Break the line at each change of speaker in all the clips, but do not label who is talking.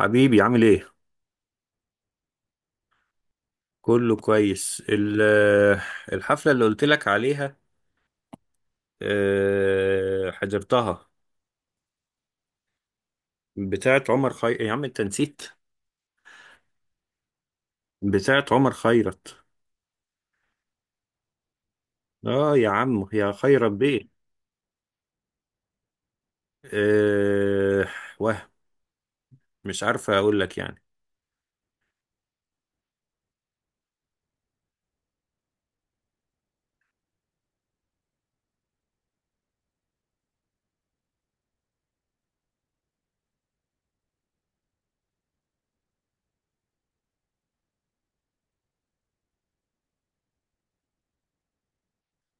حبيبي عامل ايه؟ كله كويس الحفلة اللي قلت لك عليها. حضرتها. بتاعت يا عم انت نسيت. بتاعت عمر خيرت. اه يا عم يا خيرت بيه. أه... وهم، مش عارفة اقول لك يعني.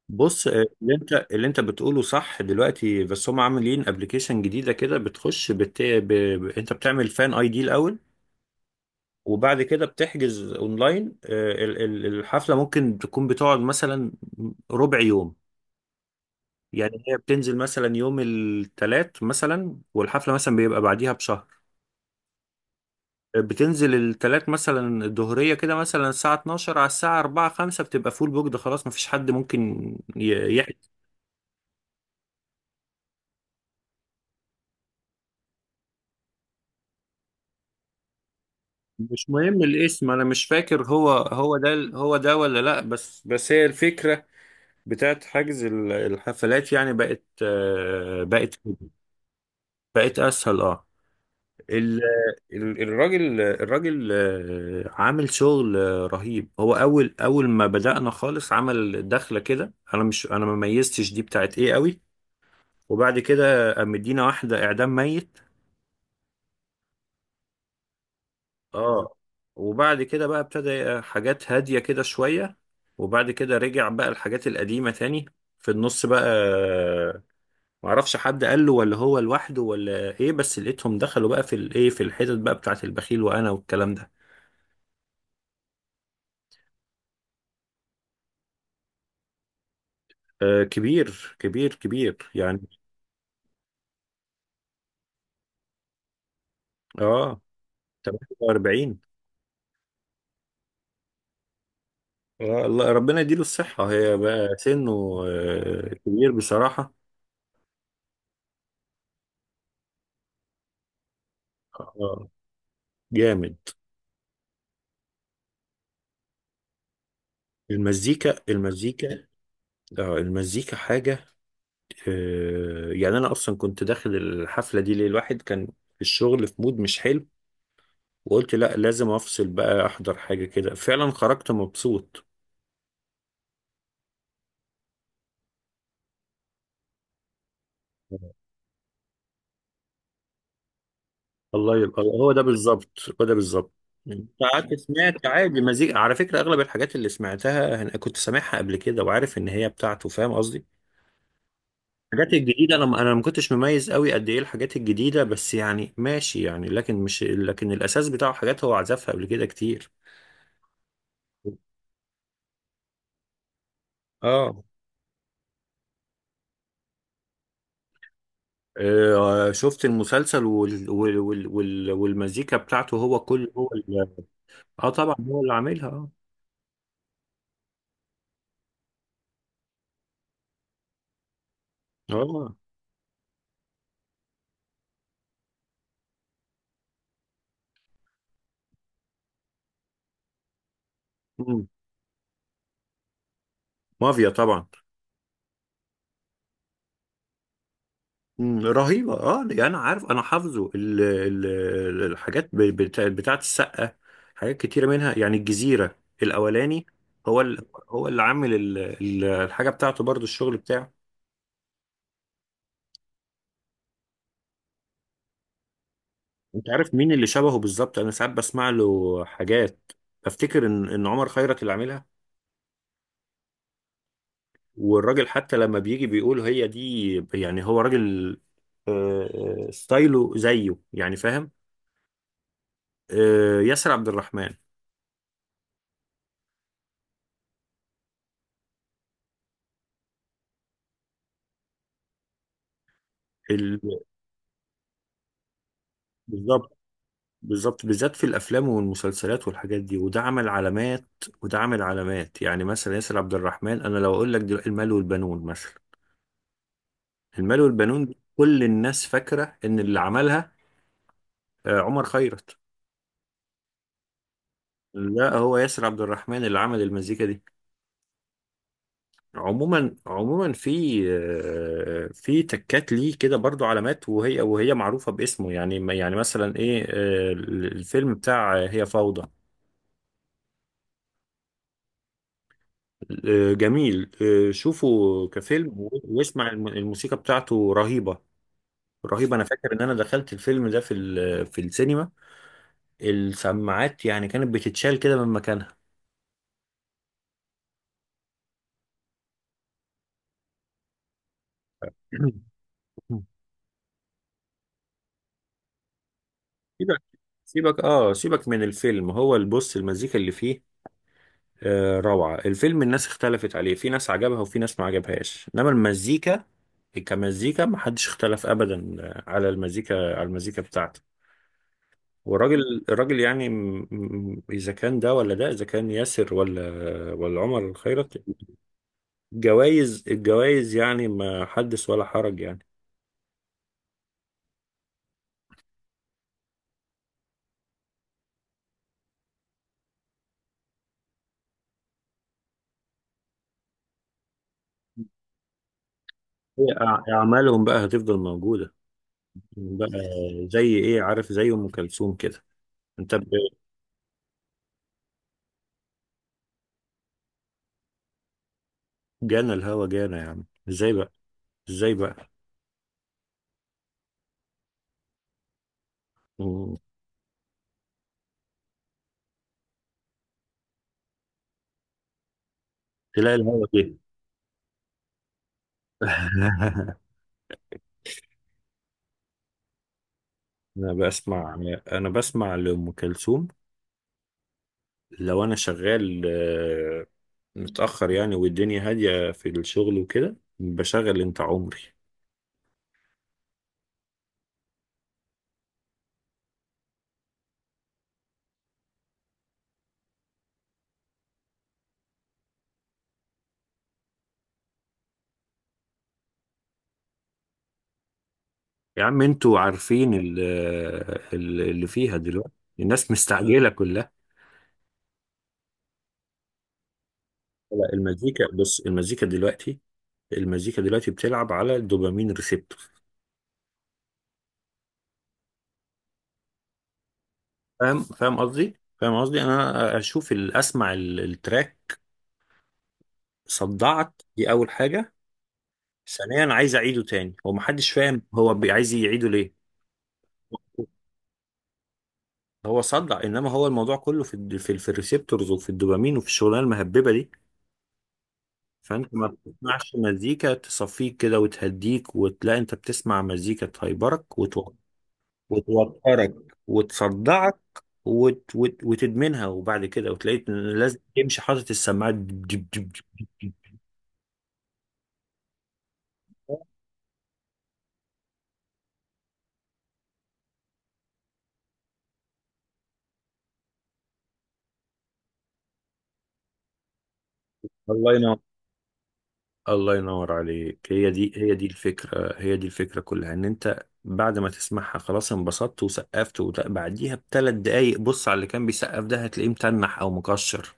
بص، اللي انت بتقوله صح دلوقتي، بس هم عاملين ابلكيشن جديدة كده بتخش انت بتعمل فان اي دي الاول. وبعد كده بتحجز اونلاين. الحفله ممكن تكون بتقعد مثلا ربع يوم. يعني هي بتنزل مثلا يوم الثلاث مثلا، والحفله مثلا بيبقى بعديها بشهر. بتنزل الثلاث مثلا الظهريه كده، مثلا الساعه 12 على الساعه 4 5 بتبقى فول بوك. ده خلاص مفيش حد ممكن يحجز. مش مهم الاسم، انا مش فاكر هو ده هو ده ولا لا، بس هي الفكره بتاعت حجز الحفلات. يعني بقت، بقت، بقت اسهل اه. ال- الراجل عامل شغل رهيب. هو اول ما بدأنا خالص، عمل دخلة كده، انا مش انا ما ميزتش دي بتاعت ايه قوي. وبعد كده قام مدينا واحدة اعدام ميت. اه. وبعد كده بقى ابتدى حاجات هادية كده شوية. وبعد كده رجع بقى الحاجات القديمة تاني. في النص بقى، معرفش حد قال له ولا هو لوحده ولا ايه، بس لقيتهم دخلوا بقى في الايه، في الحتت بقى بتاعت البخيل وانا والكلام ده. آه، كبير كبير كبير يعني. اه، 48. آه الله، ربنا يديله الصحة، هي بقى سنه، آه كبير بصراحة. آه، جامد. المزيكا المزيكا، اه المزيكا حاجة. آه، يعني أنا أصلا كنت داخل الحفلة دي ليه، الواحد كان في الشغل في مود مش حلو، وقلت لا لازم أفصل بقى أحضر حاجة، كده فعلا خرجت مبسوط. الله، يبقى هو ده بالظبط، هو ده بالظبط. انت قعدت سمعت عادي مزيكا، على فكرة اغلب الحاجات اللي سمعتها انا كنت سامعها قبل كده وعارف ان هي بتاعته، فاهم قصدي. الحاجات الجديدة، انا ما كنتش مميز قوي قد ايه الحاجات الجديدة، بس يعني ماشي يعني، لكن مش لكن الاساس بتاعه حاجات هو عزفها قبل كده كتير. اه. شفت المسلسل والمزيكا بتاعته، هو كل هو اه طبعا هو اللي عاملها اه. اه. مم. مافيا طبعا. مم، رهيبة اه. يعني انا عارف، انا حافظه الحاجات بتاعت السقا. حاجات كتيرة منها يعني الجزيرة الاولاني. هو هو اللي عامل الحاجة بتاعته برضو، الشغل بتاعه. انت عارف مين اللي شبهه بالظبط؟ انا ساعات بسمع له حاجات افتكر ان عمر خيرت اللي عاملها، والراجل حتى لما بيجي بيقول هي دي، يعني هو راجل. ستايله زيه يعني، فاهم؟ آه، ياسر عبد الرحمن. ال... بالظبط بالظبط، بالذات في الافلام والمسلسلات والحاجات دي، وده عمل علامات. وده عمل علامات. يعني مثلا ياسر عبد الرحمن، انا لو اقول لك دلوقتي المال والبنون مثلا، المال والبنون دي كل الناس فاكره ان اللي عملها عمر خيرت. لا، هو ياسر عبد الرحمن اللي عمل المزيكا دي. عموما عموما في في تكات ليه كده برضو، علامات، وهي معروفه باسمه يعني. يعني مثلا ايه، الفيلم بتاع هي فوضى. جميل، شوفه كفيلم، واسمع الموسيقى بتاعته رهيبة، رهيبة. أنا فاكر إن أنا دخلت الفيلم ده في في السينما، السماعات يعني كانت بتتشال كده من مكانها. سيبك، سيبك آه، سيبك من الفيلم، هو البص المزيكا اللي فيه، روعة. الفيلم الناس اختلفت عليه، في ناس عجبها وفي ناس ما عجبهاش، إنما المزيكا كمزيكا محدش اختلف أبدا، على المزيكا، على المزيكا بتاعته. والراجل يعني اذا كان ده ولا ده، اذا كان ياسر ولا ولا عمر الخيرت، الجوائز يعني ما حدث ولا حرج يعني. هي اعمالهم بقى هتفضل موجوده بقى، زي ايه عارف، زي ام كلثوم كده. انت ب- جانا الهوى، جانا، يا عم ازاي بقى، ازاي بقى. م- تلاقي الهوى جه انا بسمع، انا بسمع لام كلثوم، لو انا شغال متأخر يعني والدنيا هادية في الشغل وكده بشغل انت عمري. يا عم انتوا عارفين اللي فيها دلوقتي الناس مستعجلة كلها. لا، المزيكا بص، المزيكا دلوقتي، المزيكا دلوقتي بتلعب على الدوبامين ريسبتور، فاهم، فاهم قصدي، فاهم قصدي. انا اشوف اسمع التراك، صدعت دي اول حاجة، ثانيا عايز اعيده تاني، هو محدش فاهم هو عايز يعيده ليه. هو صدع، انما هو الموضوع كله في في الريسبتورز وفي الدوبامين وفي الشغلانه المهببه دي. فانت ما بتسمعش مزيكا تصفيك كده وتهديك، وتلاقي انت بتسمع مزيكا تهيبرك وتوترك وتصدعك وتدمنها، وبعد كده وتلاقيك لازم تمشي حاطط السماعات دب. الله ينور، الله ينور عليك. هي دي الفكرة، هي دي الفكرة كلها، ان انت بعد ما تسمعها خلاص انبسطت وسقفت، وبعديها بثلاث دقايق بص على اللي كان بيسقف ده هتلاقيه متنح او مكشر،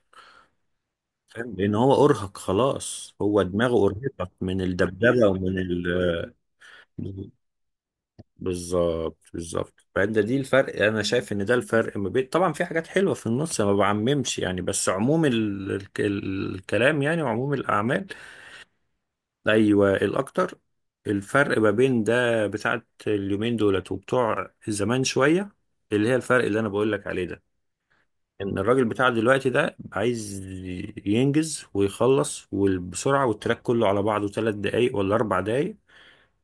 فاهم؟ لان هو ارهق خلاص، هو دماغه ارهقت من الدبدبه ومن ال. بالظبط بالظبط، فده دي الفرق، انا شايف ان ده الفرق ما بين، طبعا في حاجات حلوه في النص، أنا ما بعممش يعني، بس عموم الكلام يعني، وعموم الاعمال. ايوه الاكتر. الفرق ما بين ده بتاعت اليومين دولت وبتوع زمان شويه، اللي هي الفرق اللي انا بقول لك عليه ده، ان الراجل بتاع دلوقتي ده عايز ينجز ويخلص وبسرعة، والتراك كله على بعضه تلات دقايق ولا اربع دقايق،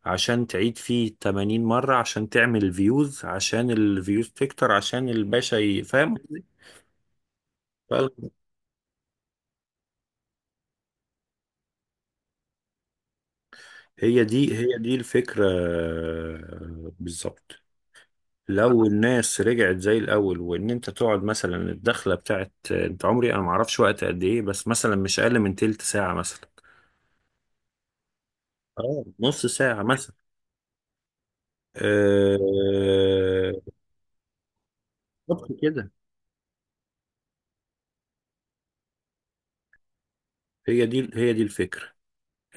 عشان تعيد فيه 80 مرة، عشان تعمل فيوز، عشان الفيوز تكتر، عشان الباشا فاهم قصدي؟ فال- هي دي الفكرة، بالظبط. لو الناس رجعت زي الاول، وان انت تقعد مثلا الدخلة بتاعت انت عمري انا معرفش وقت قد ايه، بس مثلا مش اقل من تلت ساعة مثلا. اه نص ساعة مثلا. آه، بالظبط كده. هي دي الفكرة،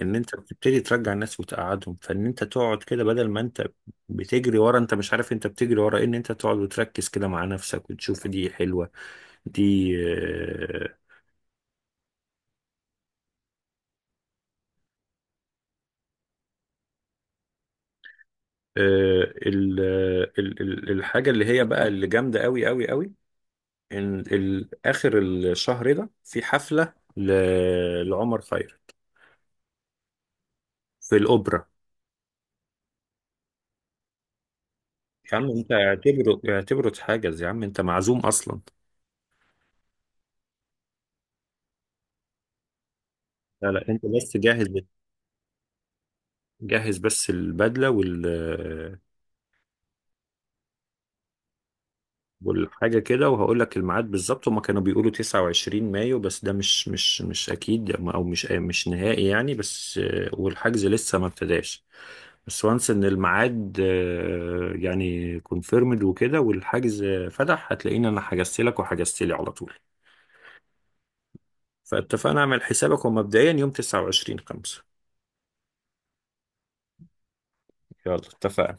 ان انت بتبتدي ترجع الناس وتقعدهم، فان انت تقعد كده بدل ما انت بتجري ورا، انت مش عارف انت بتجري ورا إيه، ان انت تقعد وتركز كده مع نفسك وتشوف دي حلوة، دي الحاجة اللي هي بقى اللي جامدة قوي قوي قوي، ان اخر الشهر ده في حفلة لعمر خيرت في الأوبرا. يا عم انت، اعتبره اتحجز، يا عم انت معزوم اصلا. لا لا، انت بس جهز، جهز بس البدله وال والحاجه كده. وهقول لك الميعاد بالظبط، هما كانوا بيقولوا 29 مايو، بس ده مش اكيد او مش نهائي يعني، بس والحجز لسه ما ابتداش. بس وانس ان الميعاد يعني كونفيرمد وكده، والحجز فتح هتلاقيني انا حجزت لك وحجزت لي على طول. فاتفقنا اعمل حسابك، ومبدئيا يوم 29 5. يلا اتفقنا.